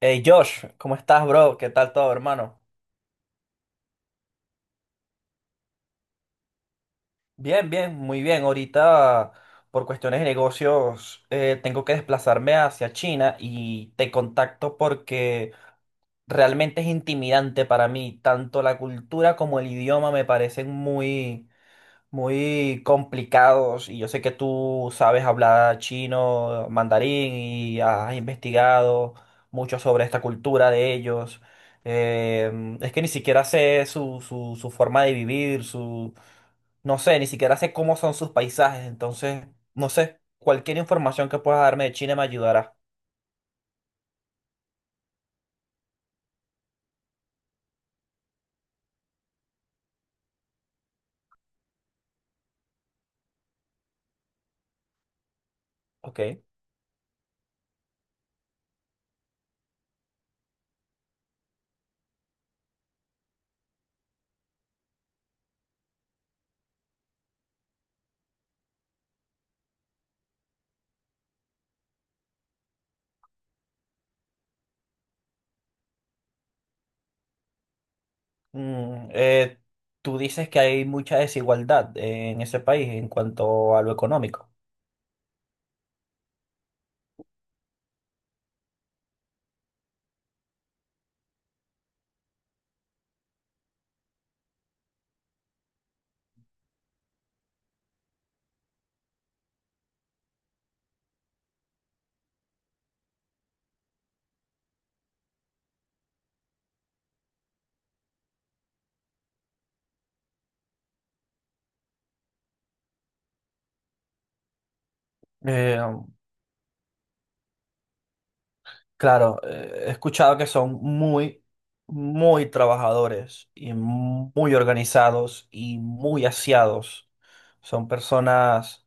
Hey Josh, ¿cómo estás, bro? ¿Qué tal todo, hermano? Bien, bien, muy bien. Ahorita, por cuestiones de negocios, tengo que desplazarme hacia China y te contacto porque realmente es intimidante para mí. Tanto la cultura como el idioma me parecen muy, muy complicados, y yo sé que tú sabes hablar chino, mandarín, y has investigado mucho sobre esta cultura de ellos. Es que ni siquiera sé su forma de vivir, no sé, ni siquiera sé cómo son sus paisajes. Entonces, no sé, cualquier información que puedas darme de China me ayudará. Ok. Mm, eh, Tú dices que hay mucha desigualdad en ese país en cuanto a lo económico. Claro, he escuchado que son muy, muy trabajadores y muy organizados y muy aseados. Son personas,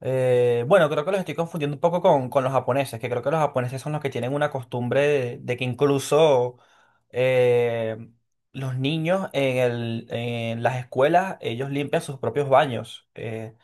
bueno, creo que los estoy confundiendo un poco con, los japoneses, que creo que los japoneses son los que tienen una costumbre de que incluso eh, los niños en las escuelas, ellos limpian sus propios baños.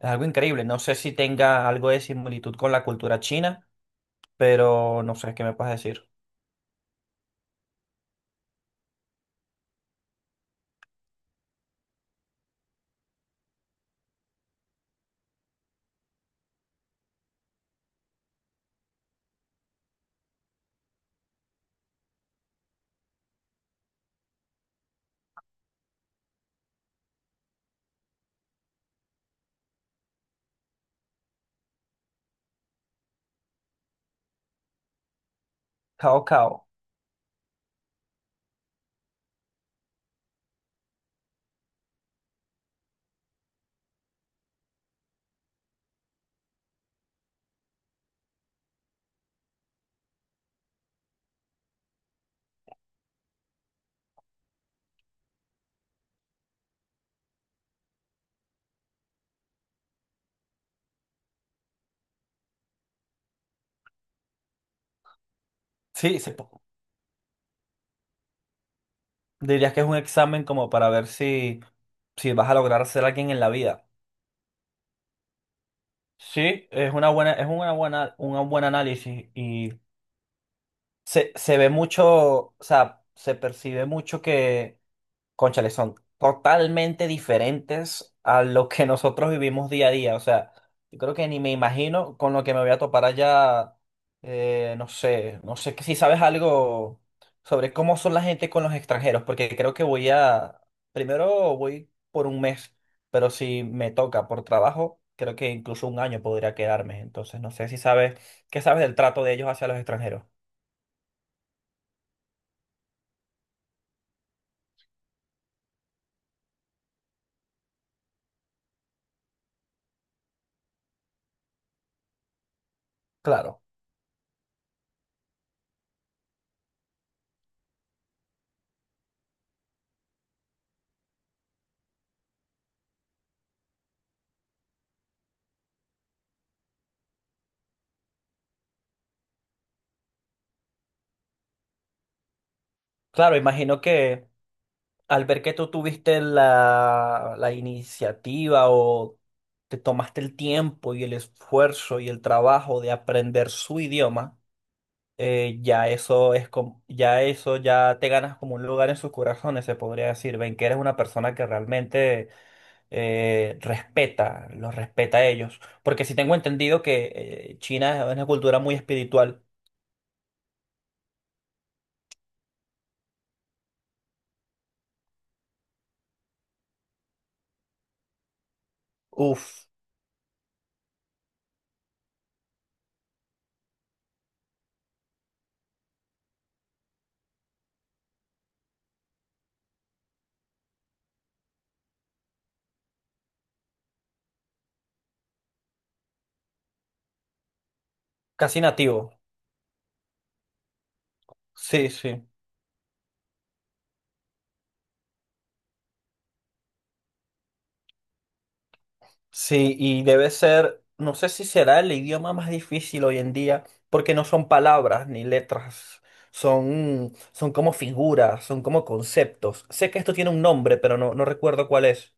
Es algo increíble. No sé si tenga algo de similitud con la cultura china, pero no sé qué me puedes decir. Cao Cao. Sí, sí, dirías que es un examen como para ver si vas a lograr ser alguien en la vida. Sí, es una buena, un buen análisis, y se ve mucho, o sea, se percibe mucho. Cónchale, son totalmente diferentes a lo que nosotros vivimos día a día. O sea, yo creo que ni me imagino con lo que me voy a topar allá. No sé, que si sabes algo sobre cómo son la gente con los extranjeros, porque creo que primero voy por un mes, pero si me toca por trabajo, creo que incluso un año podría quedarme. Entonces, no sé si sabes, ¿qué sabes del trato de ellos hacia los extranjeros? Claro, claro, imagino que al ver que tú tuviste la iniciativa, o te tomaste el tiempo y el esfuerzo y el trabajo de aprender su idioma, ya eso ya te ganas como un lugar en sus corazones, se podría decir. Ven que eres una persona que realmente los respeta a ellos. Porque si tengo entendido que China es una cultura muy espiritual. Uf, casi nativo. Sí, sí. Sí, y debe ser, no sé si será el idioma más difícil hoy en día, porque no son palabras ni letras, son como figuras, son como conceptos. Sé que esto tiene un nombre, pero no recuerdo cuál es.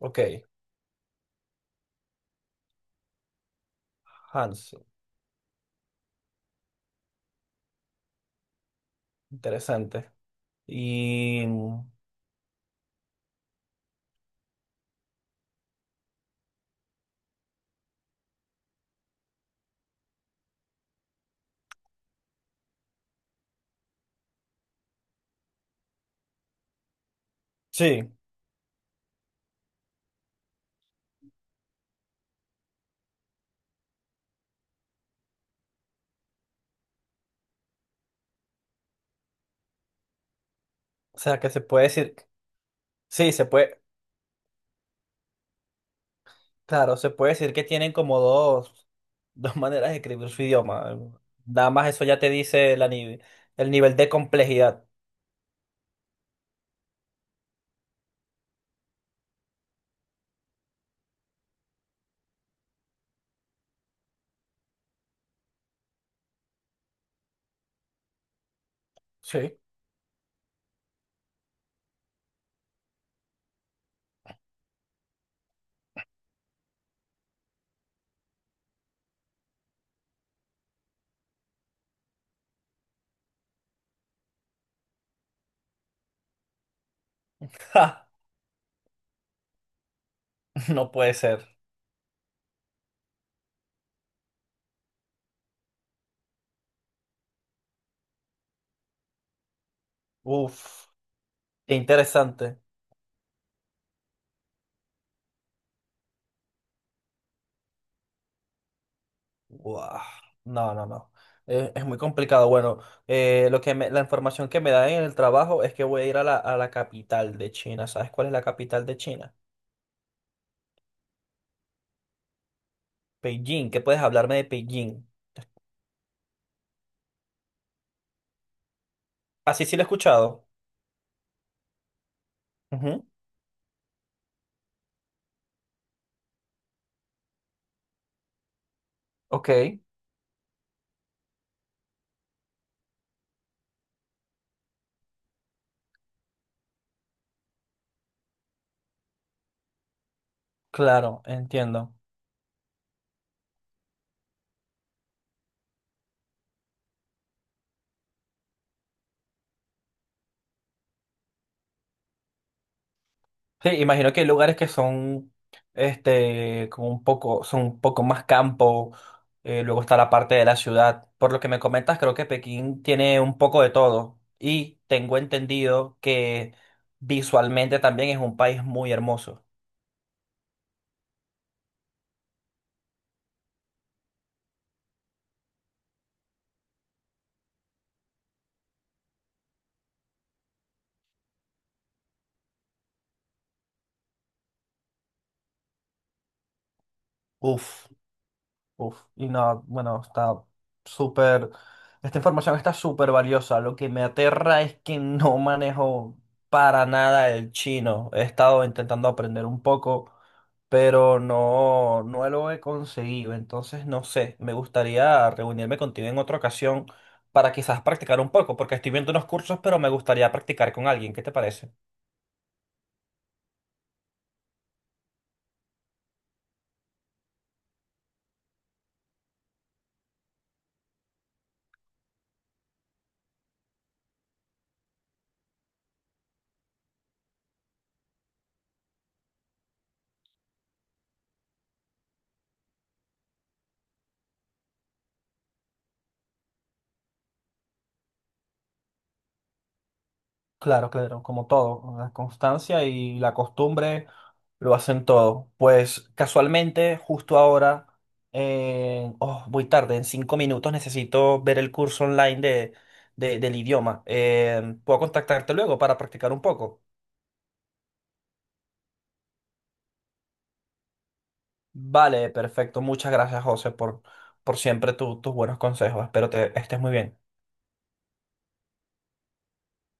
Ok, Hans, interesante. Y mm, sí, o sea que se puede decir, sí, se puede, claro, se puede decir que tienen como dos dos maneras de escribir su idioma. Nada más eso ya te dice la, ni- el nivel de complejidad. Sí. No puede ser. Uf, qué interesante. Guau. No, no, no. Es muy complicado. Bueno, la información que me dan en el trabajo es que voy a ir a la capital de China. ¿Sabes cuál es la capital de China? Beijing. ¿Qué puedes hablarme de Beijing? Así sí, sí lo he escuchado. Ujú. Ok, claro, entiendo. Sí, imagino que hay lugares que son, este, como un poco, son un poco más campo, luego está la parte de la ciudad. Por lo que me comentas, creo que Pekín tiene un poco de todo, y tengo entendido que visualmente también es un país muy hermoso. Uf. Uf, y no, bueno, está súper, esta información está súper valiosa. Lo que me aterra es que no manejo para nada el chino. He estado intentando aprender un poco, pero no lo he conseguido. Entonces, no sé, me gustaría reunirme contigo en otra ocasión para quizás practicar un poco, porque estoy viendo unos cursos, pero me gustaría practicar con alguien. ¿Qué te parece? Claro, claro, como todo, ¿no? La constancia y la costumbre lo hacen todo. Pues casualmente, justo ahora, oh, voy tarde, en 5 minutos necesito ver el curso online del idioma. ¿Puedo contactarte luego para practicar un poco? Vale, perfecto. Muchas gracias, José, por, siempre tus buenos consejos. Espero te estés muy bien.